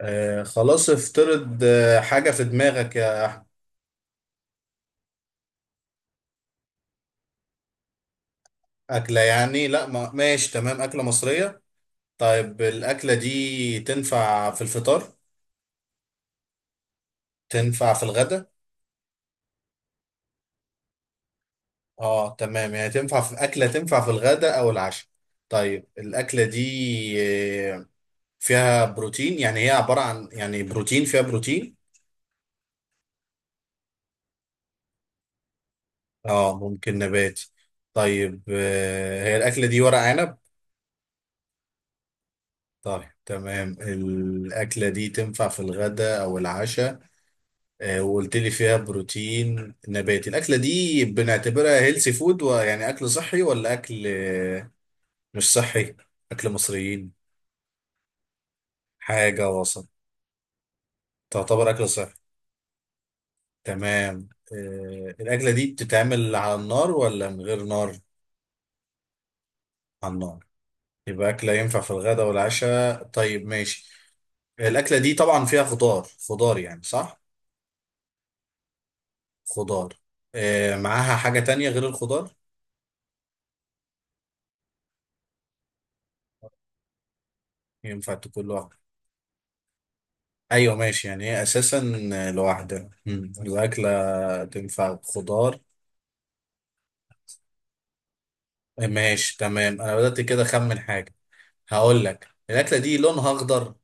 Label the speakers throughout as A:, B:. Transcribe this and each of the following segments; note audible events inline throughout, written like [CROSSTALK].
A: آه، خلاص، افترض حاجة في دماغك يا أكلة. يعني، لا، ما ماشي. تمام، أكلة مصرية. طيب، الأكلة دي تنفع في الفطار؟ تنفع في الغداء؟ اه، تمام، يعني تنفع في أكلة، تنفع في الغداء أو العشاء. طيب، الأكلة دي، آه، فيها بروتين، يعني هي عبارة عن يعني بروتين، فيها بروتين. اه، ممكن نباتي. طيب، هي الأكلة دي ورق عنب؟ طيب، تمام، الأكلة دي تنفع في الغداء أو العشاء. وقلت لي فيها بروتين نباتي. الاكله دي بنعتبرها هيلثي فود، ويعني اكل صحي ولا اكل مش صحي؟ اكل مصريين. حاجه وسط. تعتبر اكل صحي. تمام، الاكله دي بتتعمل على النار ولا من غير نار؟ على النار. يبقى اكله ينفع في الغداء والعشاء. طيب، ماشي. الاكله دي طبعا فيها خضار. خضار، يعني، صح؟ خضار. معاها حاجه تانية غير الخضار؟ ينفع تكون لوحدها. ايوه ماشي، يعني هي اساسا لوحدها. الاكله تنفع خضار. ماشي تمام، انا بدات كده اخمن حاجه. هقول لك، الاكله دي لونها اخضر.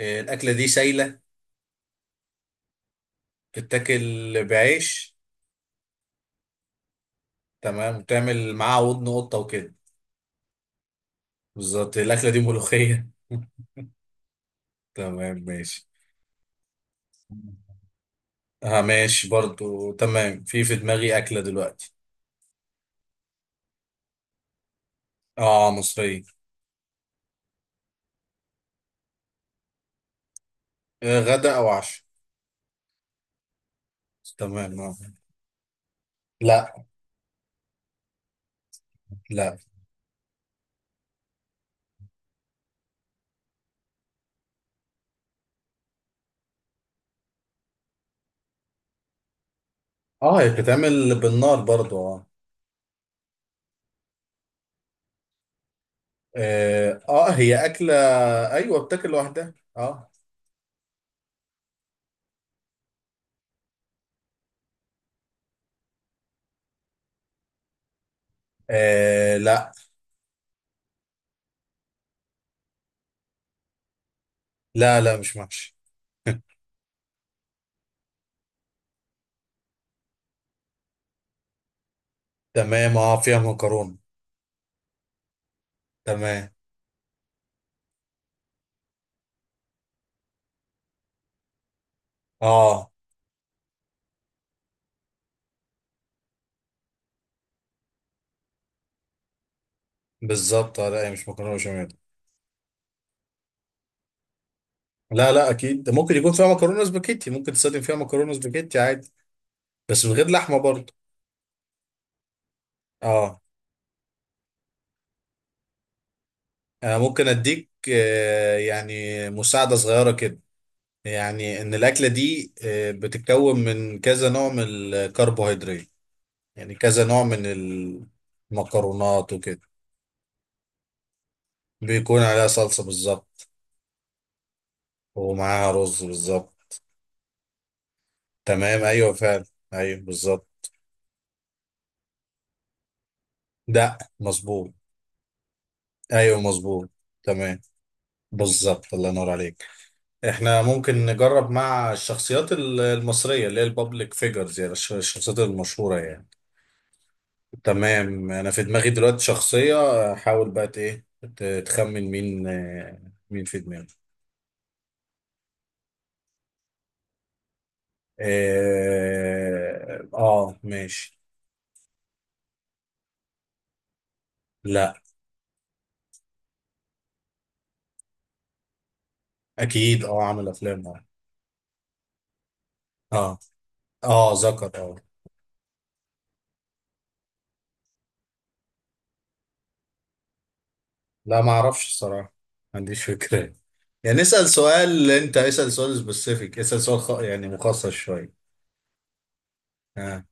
A: الاكله دي سايله. تتاكل. بعيش. تمام، وتعمل معاها ودن قطه وكده. بالظبط، الاكله دي ملوخيه. [LAUGHS] تمام، ماشي. اه، ماشي برضو، تمام. في دماغي اكله دلوقتي. اه، مصريه. آه، غدا او عشاء. تمام. آه. لا. لا. اه، هي بتتعمل بالنار برضو، اه. اه، هي اكله. ايوه بتاكل لوحدها، اه. آه، لا، لا، لا، مش محشي. تمام، اه، فيها مكرونه. تمام، اه. بالظبط، آه، لا، هي مش مكرونه بشاميل. لا، لا اكيد، ده ممكن يكون فيها مكرونه سباكيتي، ممكن تستخدم فيها مكرونه سباكيتي عادي، بس من غير لحمه برضه. اه. انا ممكن اديك يعني مساعده صغيره كده، يعني ان الاكله دي بتتكون من كذا نوع من الكربوهيدرات. يعني كذا نوع من المكرونات وكده. بيكون عليها صلصة بالظبط. ومعاها رز بالظبط. تمام، ايوه فعلا. ايوه بالظبط. دق مظبوط. ايوه مظبوط. تمام. بالظبط، الله ينور عليك. احنا ممكن نجرب مع الشخصيات المصرية، اللي هي البابليك فيجرز، يعني الشخصيات المشهورة يعني. تمام، انا في دماغي دلوقتي شخصية. حاول بقى ايه، تخمن مين مين في دماغي. اه, ماشي. لا. اكيد، اه، عامل افلام، اه. آه. اه، ذكر، اه. لا، ما اعرفش الصراحه، ما عنديش فكره. يعني اسال سؤال، انت اسال سؤال سبيسيفيك، اسال سؤال يعني مخصص شويه. آه.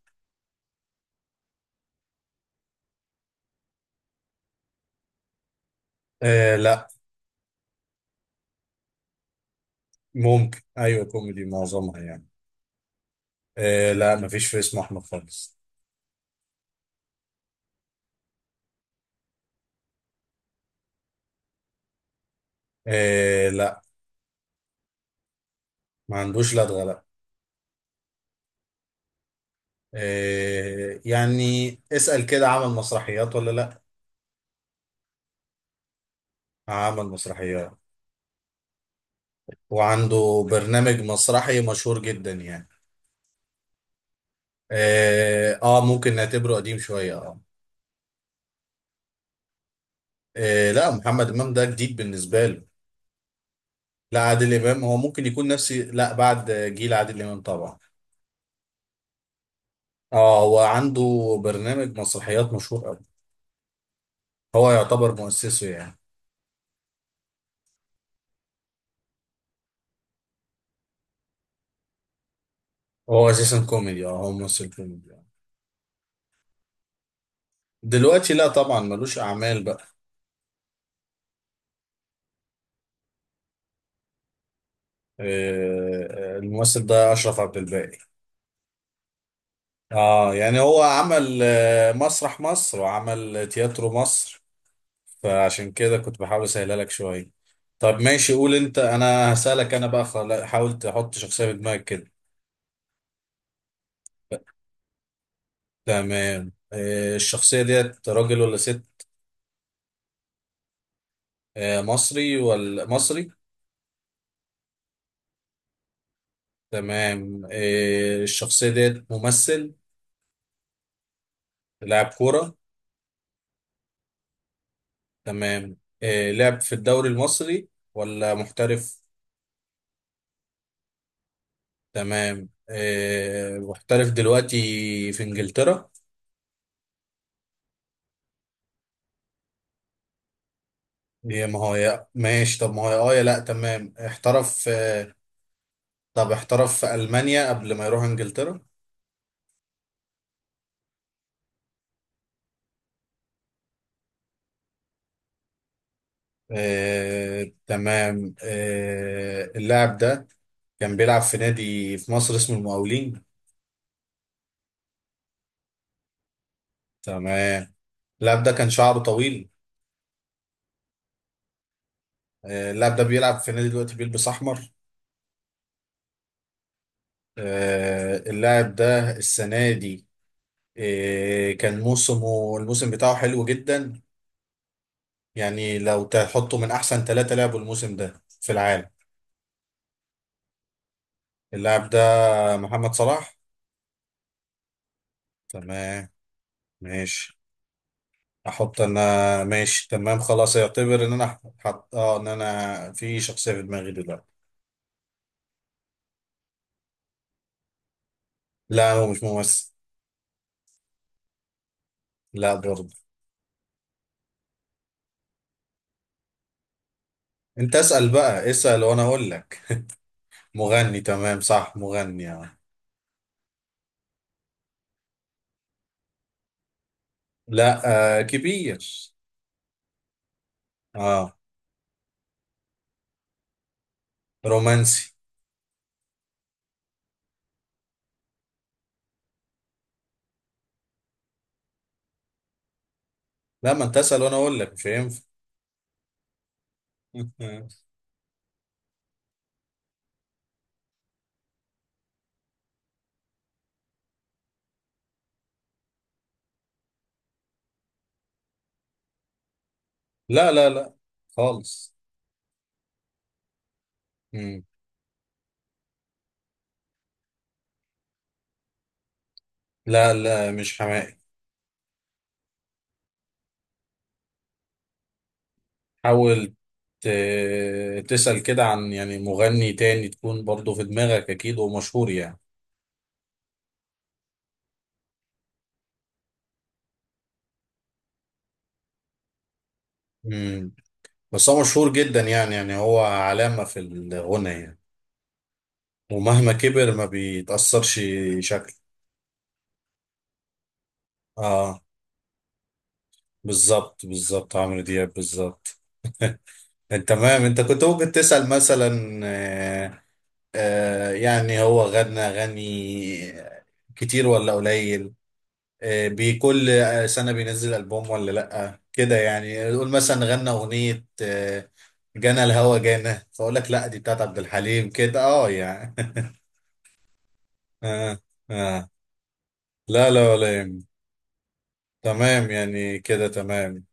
A: آه، لا. ممكن، ايوه، كوميدي معظمها يعني. آه، لا، ما فيش في اسمه احمد خالص. آه، لا، ما عندوش لدغه، لا. يعني اسال كده: عمل مسرحيات ولا لا؟ عمل مسرحيات، وعنده برنامج مسرحي مشهور جدا، يعني. اه، ممكن نعتبره قديم شويه، اه. إيه؟ لا، محمد امام ده جديد بالنسبه له. لا، عادل امام هو ممكن يكون نفسي، لا، بعد جيل عادل امام طبعا. اه، هو عنده برنامج مسرحيات مشهور قوي. هو يعتبر مؤسسه يعني. هو اساسا كوميدي، اه، هو ممثل كوميدي. دلوقتي لا طبعا، ملوش اعمال بقى. إيه، الممثل ده اشرف عبد الباقي. اه، يعني هو عمل مسرح مصر، وعمل تياترو مصر. فعشان كده كنت بحاول اسهلها لك شويه. طب ماشي، قول انت، انا هسألك. انا بقى حاول تحط شخصيه في دماغك كده. تمام، الشخصيه ديت راجل ولا ست؟ مصري ولا مصري؟ تمام، الشخصيه ديت ممثل؟ لاعب كوره. تمام، لعب في الدوري المصري ولا محترف؟ تمام، محترف دلوقتي في انجلترا. يا ما هو يا ماشي، طب ما هو يا اه يا لا، تمام احترف. طب احترف في ألمانيا قبل ما يروح انجلترا. تمام، اللاعب ده كان بيلعب في نادي في مصر اسمه المقاولين. تمام، اللاعب ده كان شعره طويل. اللاعب ده بيلعب في نادي دلوقتي بيلبس احمر. اللاعب ده السنه دي كان موسمه، الموسم بتاعه حلو جدا، يعني لو تحطه من احسن ثلاثه لعبوا الموسم ده في العالم. اللاعب ده محمد صلاح. تمام، ماشي. احط انا. ماشي تمام، خلاص، يعتبر ان انا حط، ان انا في شخصية في دماغي دلوقتي. لا، هو مش ممثل. لا برضه. انت اسأل بقى، اسأل وانا اقول لك. [LAUGHS] مغني، تمام، صح، مغني، اه. لا، كبير. اه. رومانسي. لا، ما انت اسأل وانا اقول لك، مش هينفع. [LAUGHS] لا، لا، لا خالص. مم. لا، لا، مش حماقي. حاول تسأل كده عن يعني مغني تاني، تكون برضه في دماغك اكيد ومشهور، يعني. مم. بس هو مشهور جدا يعني هو علامة في الغنى يعني، ومهما كبر ما بيتأثرش شكله. اه. بالظبط، بالظبط عمرو دياب، بالظبط. انت تمام، انت كنت ممكن تسأل مثلا يعني هو غنى غني كتير ولا قليل؟ بكل سنة بينزل ألبوم ولا لأ كده، يعني قول مثلا غنى أغنية جنى الهوى جانا، فأقول لك لأ، دي بتاعت عبد الحليم كده، اه يعني. [LAUGHS] اه. اه. لا، لا ولا يهم. تمام، يعني كده تمام.